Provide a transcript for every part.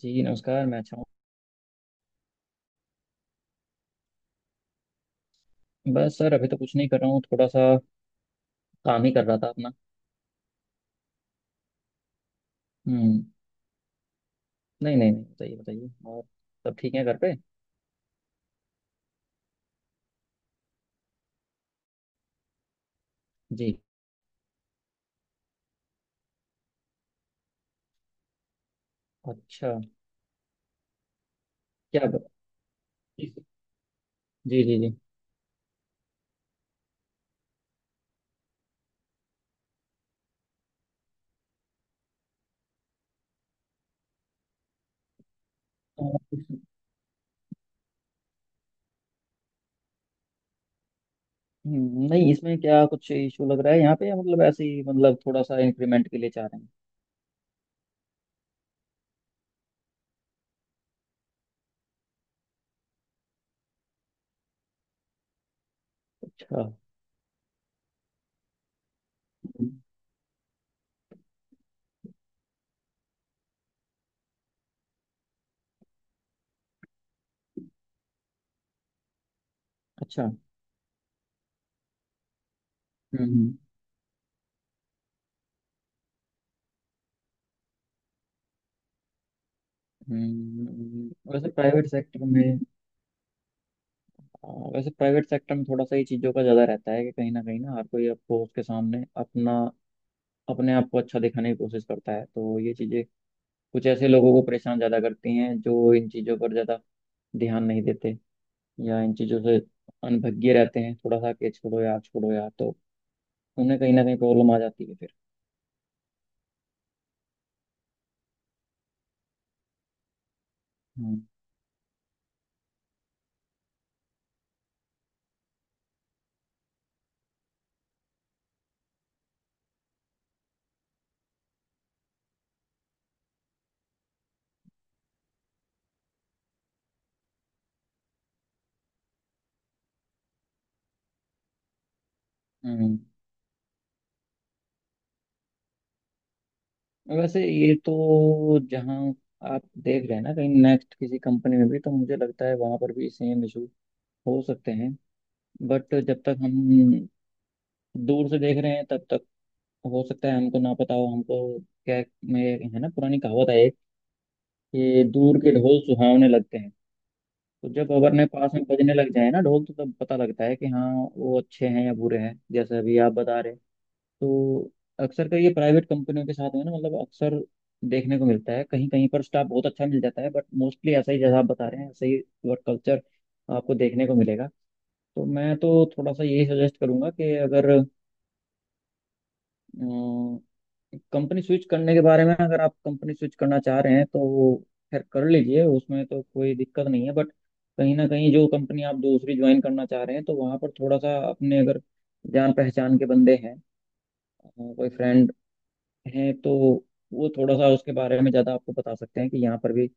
जी नमस्कार। मैं अच्छा हूँ। बस सर अभी तो कुछ नहीं कर रहा हूँ, थोड़ा सा काम ही कर रहा था अपना। हम्म। नहीं नहीं नहीं, बताइए बताइए और। सब ठीक है घर पे? जी। अच्छा। क्या ब- जी जी जी। अ, नहीं इसमें क्या कुछ इशू लग रहा है यहाँ पे, या मतलब ऐसे ही, मतलब थोड़ा सा इंक्रीमेंट के लिए चाह रहे हैं? अच्छा। हम्म। अच्छा। हम्म हम्म। वैसे प्राइवेट सेक्टर में आ, वैसे प्राइवेट सेक्टर में थोड़ा सा ये चीज़ों का ज़्यादा रहता है कि कहीं ना हर कोई आपको उसके सामने अपना अपने आप को अच्छा दिखाने की कोशिश करता है। तो ये चीजें कुछ ऐसे लोगों को परेशान ज्यादा करती हैं जो इन चीजों पर ज्यादा ध्यान नहीं देते या इन चीजों से अनभिज्ञ रहते हैं, थोड़ा सा कि छोड़ो यार छोड़ो यार, तो उन्हें कहीं ना कहीं प्रॉब्लम आ जाती है फिर। हम्म हम्म। वैसे ये तो जहाँ आप देख रहे हैं ना, कहीं नेक्स्ट किसी कंपनी में भी, तो मुझे लगता है वहां पर भी सेम इशू हो सकते हैं। बट जब तक हम दूर से देख रहे हैं तब तक हो सकता है हमको ना पता हो, हमको क्या में है ना, पुरानी कहावत है कि दूर के ढोल सुहावने लगते हैं। तो जब अपने पास में बजने लग जाए ना ढोल तो तब पता लगता है कि हाँ वो अच्छे हैं या बुरे हैं, जैसे अभी आप बता रहे। तो अक्सर कर ये प्राइवेट कंपनियों के साथ में ना, मतलब अक्सर देखने को मिलता है। कहीं कहीं पर स्टाफ बहुत अच्छा मिल जाता है, बट मोस्टली ऐसा ही जैसा आप बता रहे हैं, ऐसा ही वर्क कल्चर आपको देखने को मिलेगा। तो मैं तो थोड़ा सा यही सजेस्ट करूंगा कि अगर कंपनी स्विच करने के बारे में, अगर आप कंपनी स्विच करना चाह रहे हैं तो खैर कर लीजिए, उसमें तो कोई दिक्कत नहीं है। बट कहीं ना कहीं जो कंपनी आप दूसरी ज्वाइन करना चाह रहे हैं, तो वहाँ पर थोड़ा सा अपने अगर जान पहचान के बंदे हैं, अ, कोई फ्रेंड हैं, तो वो थोड़ा सा उसके बारे में ज़्यादा आपको बता सकते हैं कि यहाँ पर भी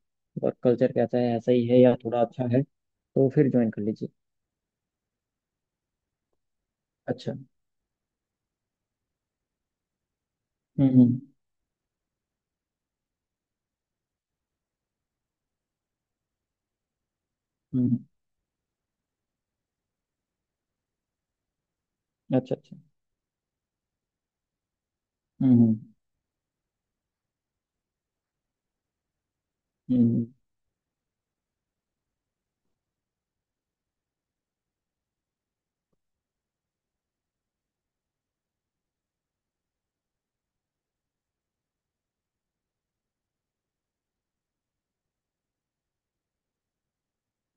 वर्क कल्चर कैसा है, ऐसा ही है या थोड़ा अच्छा है, तो फिर ज्वाइन कर लीजिए। अच्छा। हम्म। हम्म, अच्छा अच्छा। हम्म। हम्म,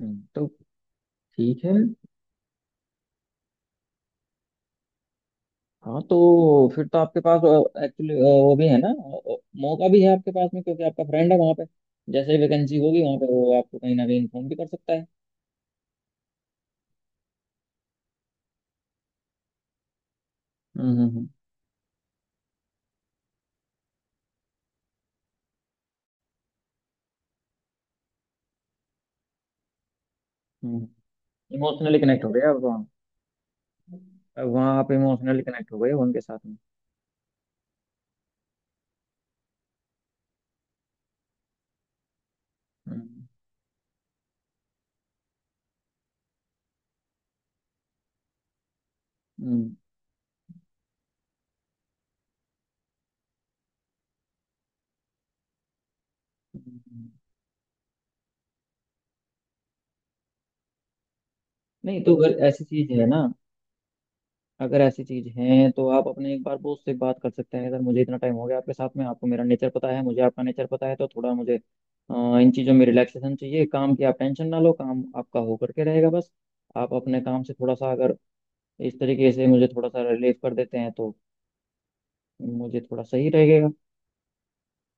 तो ठीक है। हाँ तो फिर तो आपके पास एक्चुअली वो भी है ना, मौका भी है आपके पास में, क्योंकि आपका फ्रेंड है वहाँ पे। जैसे ही वैकेंसी होगी वहाँ पे, वो आपको कहीं ना कहीं इन्फॉर्म भी कर सकता है। हम्म हम्म। इमोशनली कनेक्ट हो गया अब वहाँ। अब वहाँ आप इमोशनली कनेक्ट हो गए हो उनके साथ में। हम्म। हम्म हम्म, नहीं तो अगर ऐसी चीज है ना, अगर ऐसी चीज है तो आप अपने एक बार बॉस से बात कर सकते हैं। अगर मुझे इतना टाइम हो गया आपके साथ में, आपको मेरा नेचर पता है, मुझे आपका नेचर पता है, तो थोड़ा मुझे इन चीज़ों में रिलैक्सेशन चाहिए। काम की आप टेंशन ना लो, काम आपका हो करके रहेगा, बस आप अपने काम से थोड़ा सा अगर इस तरीके से मुझे थोड़ा सा रिलीफ कर देते हैं तो मुझे थोड़ा सही रहेगा।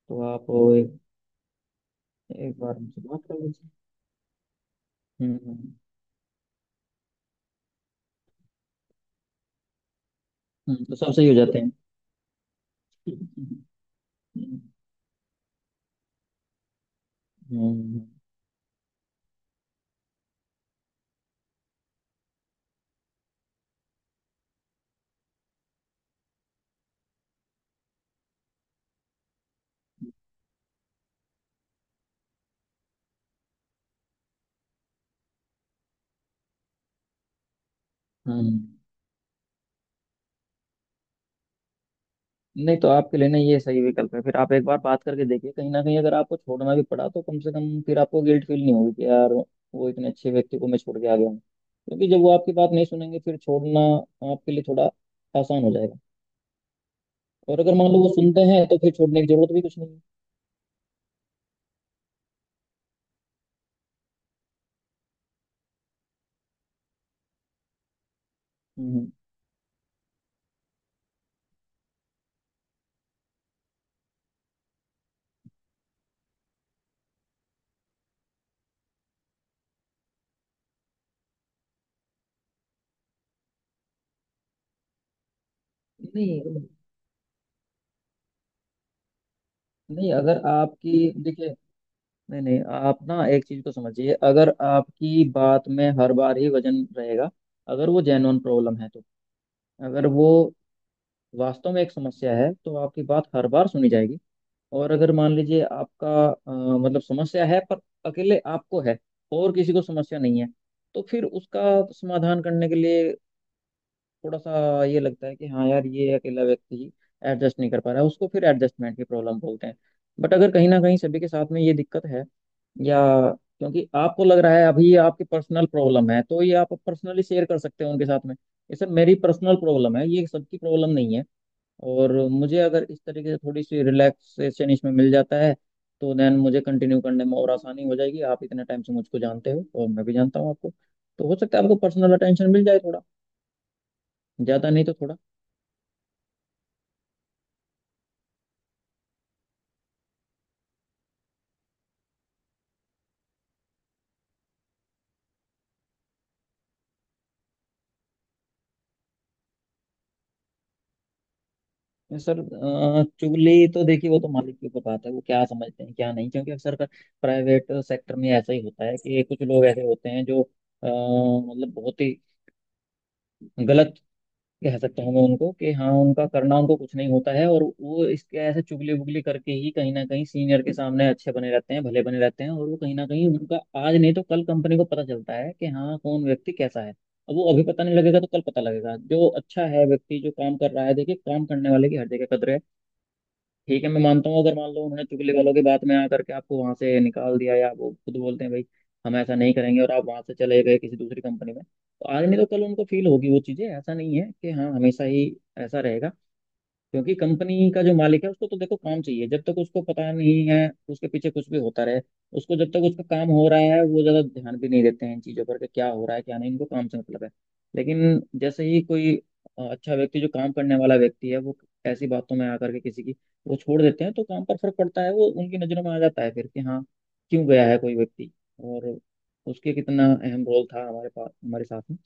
तो आप एक, एक बार मुझसे बात कर लीजिए। हम्म। तो सब सही हो जाते हैं। हम्म हम्म। हम्म हम्म। नहीं तो आपके लिए ना ये सही विकल्प है। फिर आप एक बार बात करके देखिए, कहीं ना कहीं अगर आपको छोड़ना भी पड़ा तो कम से कम फिर आपको गिल्ट फील नहीं होगी कि यार वो इतने अच्छे व्यक्ति को मैं छोड़ के आ गया हूँ। क्योंकि जब वो आपकी बात नहीं सुनेंगे फिर छोड़ना आपके लिए थोड़ा आसान हो जाएगा। और अगर मान लो वो सुनते हैं तो फिर छोड़ने की जरूरत भी कुछ नहीं है। हम्म। नहीं नहीं अगर आपकी देखिए, नहीं नहीं आप ना एक चीज को समझिए, अगर आपकी बात में हर बार ही वजन रहेगा, अगर वो जेन्युइन प्रॉब्लम है तो, अगर वो वास्तव में एक समस्या है तो आपकी बात हर बार सुनी जाएगी। और अगर मान लीजिए आपका मतलब समस्या है पर अकेले आपको है और किसी को समस्या नहीं है, तो फिर उसका समाधान करने के लिए थोड़ा सा ये लगता है कि हाँ यार ये अकेला व्यक्ति ही एडजस्ट नहीं कर पा रहा है, उसको फिर एडजस्टमेंट की प्रॉब्लम बोलते हैं। बट अगर कहीं ना कहीं सभी के साथ में ये दिक्कत है, या क्योंकि आपको लग रहा है अभी ये आपकी पर्सनल प्रॉब्लम है, तो ये आप पर्सनली शेयर कर सकते हैं उनके साथ में ये सर मेरी पर्सनल प्रॉब्लम है, ये सबकी प्रॉब्लम नहीं है। और मुझे अगर इस तरीके से थोड़ी सी रिलैक्सेशन इसमें मिल जाता है तो देन मुझे कंटिन्यू करने में और आसानी हो जाएगी। आप इतने टाइम से मुझको जानते हो और मैं भी जानता हूँ आपको, तो हो सकता है आपको पर्सनल अटेंशन मिल जाए थोड़ा। ज्यादा नहीं तो थोड़ा। सर चुगली तो देखिए वो तो मालिक के ऊपर बात है, वो क्या समझते हैं क्या नहीं। क्योंकि अक्सर का प्राइवेट सेक्टर में ऐसा ही होता है कि कुछ लोग ऐसे होते हैं जो मतलब बहुत ही गलत, कह सकता हूँ मैं उनको कि हाँ, उनका करना उनको कुछ नहीं होता है और वो इसके ऐसे चुगली वुगली करके ही कहीं ना कहीं सीनियर के सामने अच्छे बने रहते हैं, भले बने रहते हैं। और वो कहीं ना कहीं उनका आज नहीं तो कल कंपनी को पता चलता है कि हाँ कौन व्यक्ति कैसा है। अब वो अभी पता नहीं लगेगा तो कल पता लगेगा। जो अच्छा है व्यक्ति, जो काम कर रहा है, देखिए काम करने वाले की हर जगह कदर है। ठीक है मैं मानता हूँ अगर मान लो उन्होंने चुगली वालों की बात में आकर के आपको वहां से निकाल दिया, या वो खुद बोलते हैं भाई हम ऐसा नहीं करेंगे और आप वहां से चले गए किसी दूसरी कंपनी में, तो आज नहीं तो कल उनको फील होगी वो चीजें। ऐसा नहीं है कि हाँ हमेशा ही ऐसा रहेगा। क्योंकि कंपनी का जो मालिक है उसको तो देखो काम चाहिए। जब तक उसको पता नहीं है, उसके पीछे कुछ भी होता रहे, उसको जब तक उसका काम हो रहा है वो ज्यादा ध्यान भी नहीं देते हैं इन चीजों पर कि क्या हो रहा है क्या नहीं। इनको काम से मतलब है। लेकिन जैसे ही कोई अच्छा व्यक्ति, जो काम करने वाला व्यक्ति है, वो ऐसी बातों में आकर के किसी की वो छोड़ देते हैं तो काम पर फर्क पड़ता है, वो उनकी नजरों में आ जाता है फिर कि हाँ क्यों गया है कोई व्यक्ति और उसके कितना अहम रोल था हमारे पास, हमारे साथ में।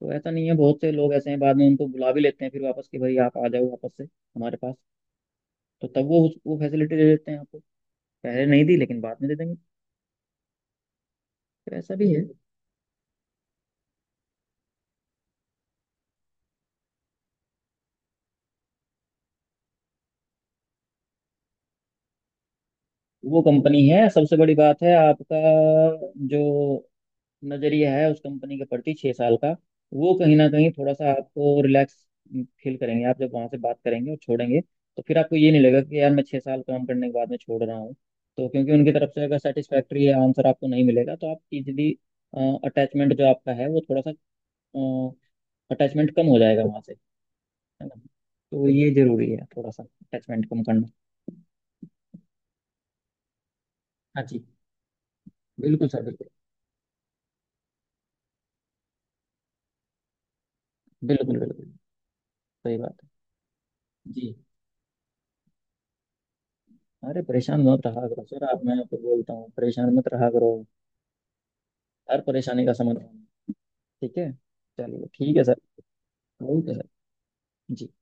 तो ऐसा नहीं है, बहुत से लोग ऐसे हैं बाद में उनको बुला भी लेते हैं फिर वापस कि भाई आप आ जाओ वापस से हमारे पास। तो तब वो वो फैसिलिटी दे देते हैं आपको, पहले नहीं दी लेकिन बाद में दे देंगे। तो ऐसा भी है। वो कंपनी है सबसे बड़ी बात है आपका जो नजरिया है उस कंपनी के प्रति, 6 साल का, वो कहीं ना कहीं थोड़ा सा आपको रिलैक्स फील करेंगे आप जब वहां से बात करेंगे और छोड़ेंगे। तो फिर आपको ये नहीं लगेगा कि यार मैं 6 साल काम करने के बाद में छोड़ रहा हूँ। तो क्योंकि उनकी तरफ से अगर सेटिस्फैक्ट्री आंसर आपको नहीं मिलेगा तो आप इजिली अटैचमेंट जो आपका है वो थोड़ा सा, अटैचमेंट कम हो जाएगा वहां से, है ना। तो ये जरूरी है थोड़ा सा अटैचमेंट कम करना। हाँ जी। बिल्कुल सर बिल्कुल। बिल्कुल बिल्कुल। सही बात है। जी। अरे परेशान मत रहा करो सर आप, मैं आपको बोलता हूँ परेशान मत रहा करो। हर परेशानी का समाधान। ठीक है। चलिए ठीक है सर। Okay sir. जी।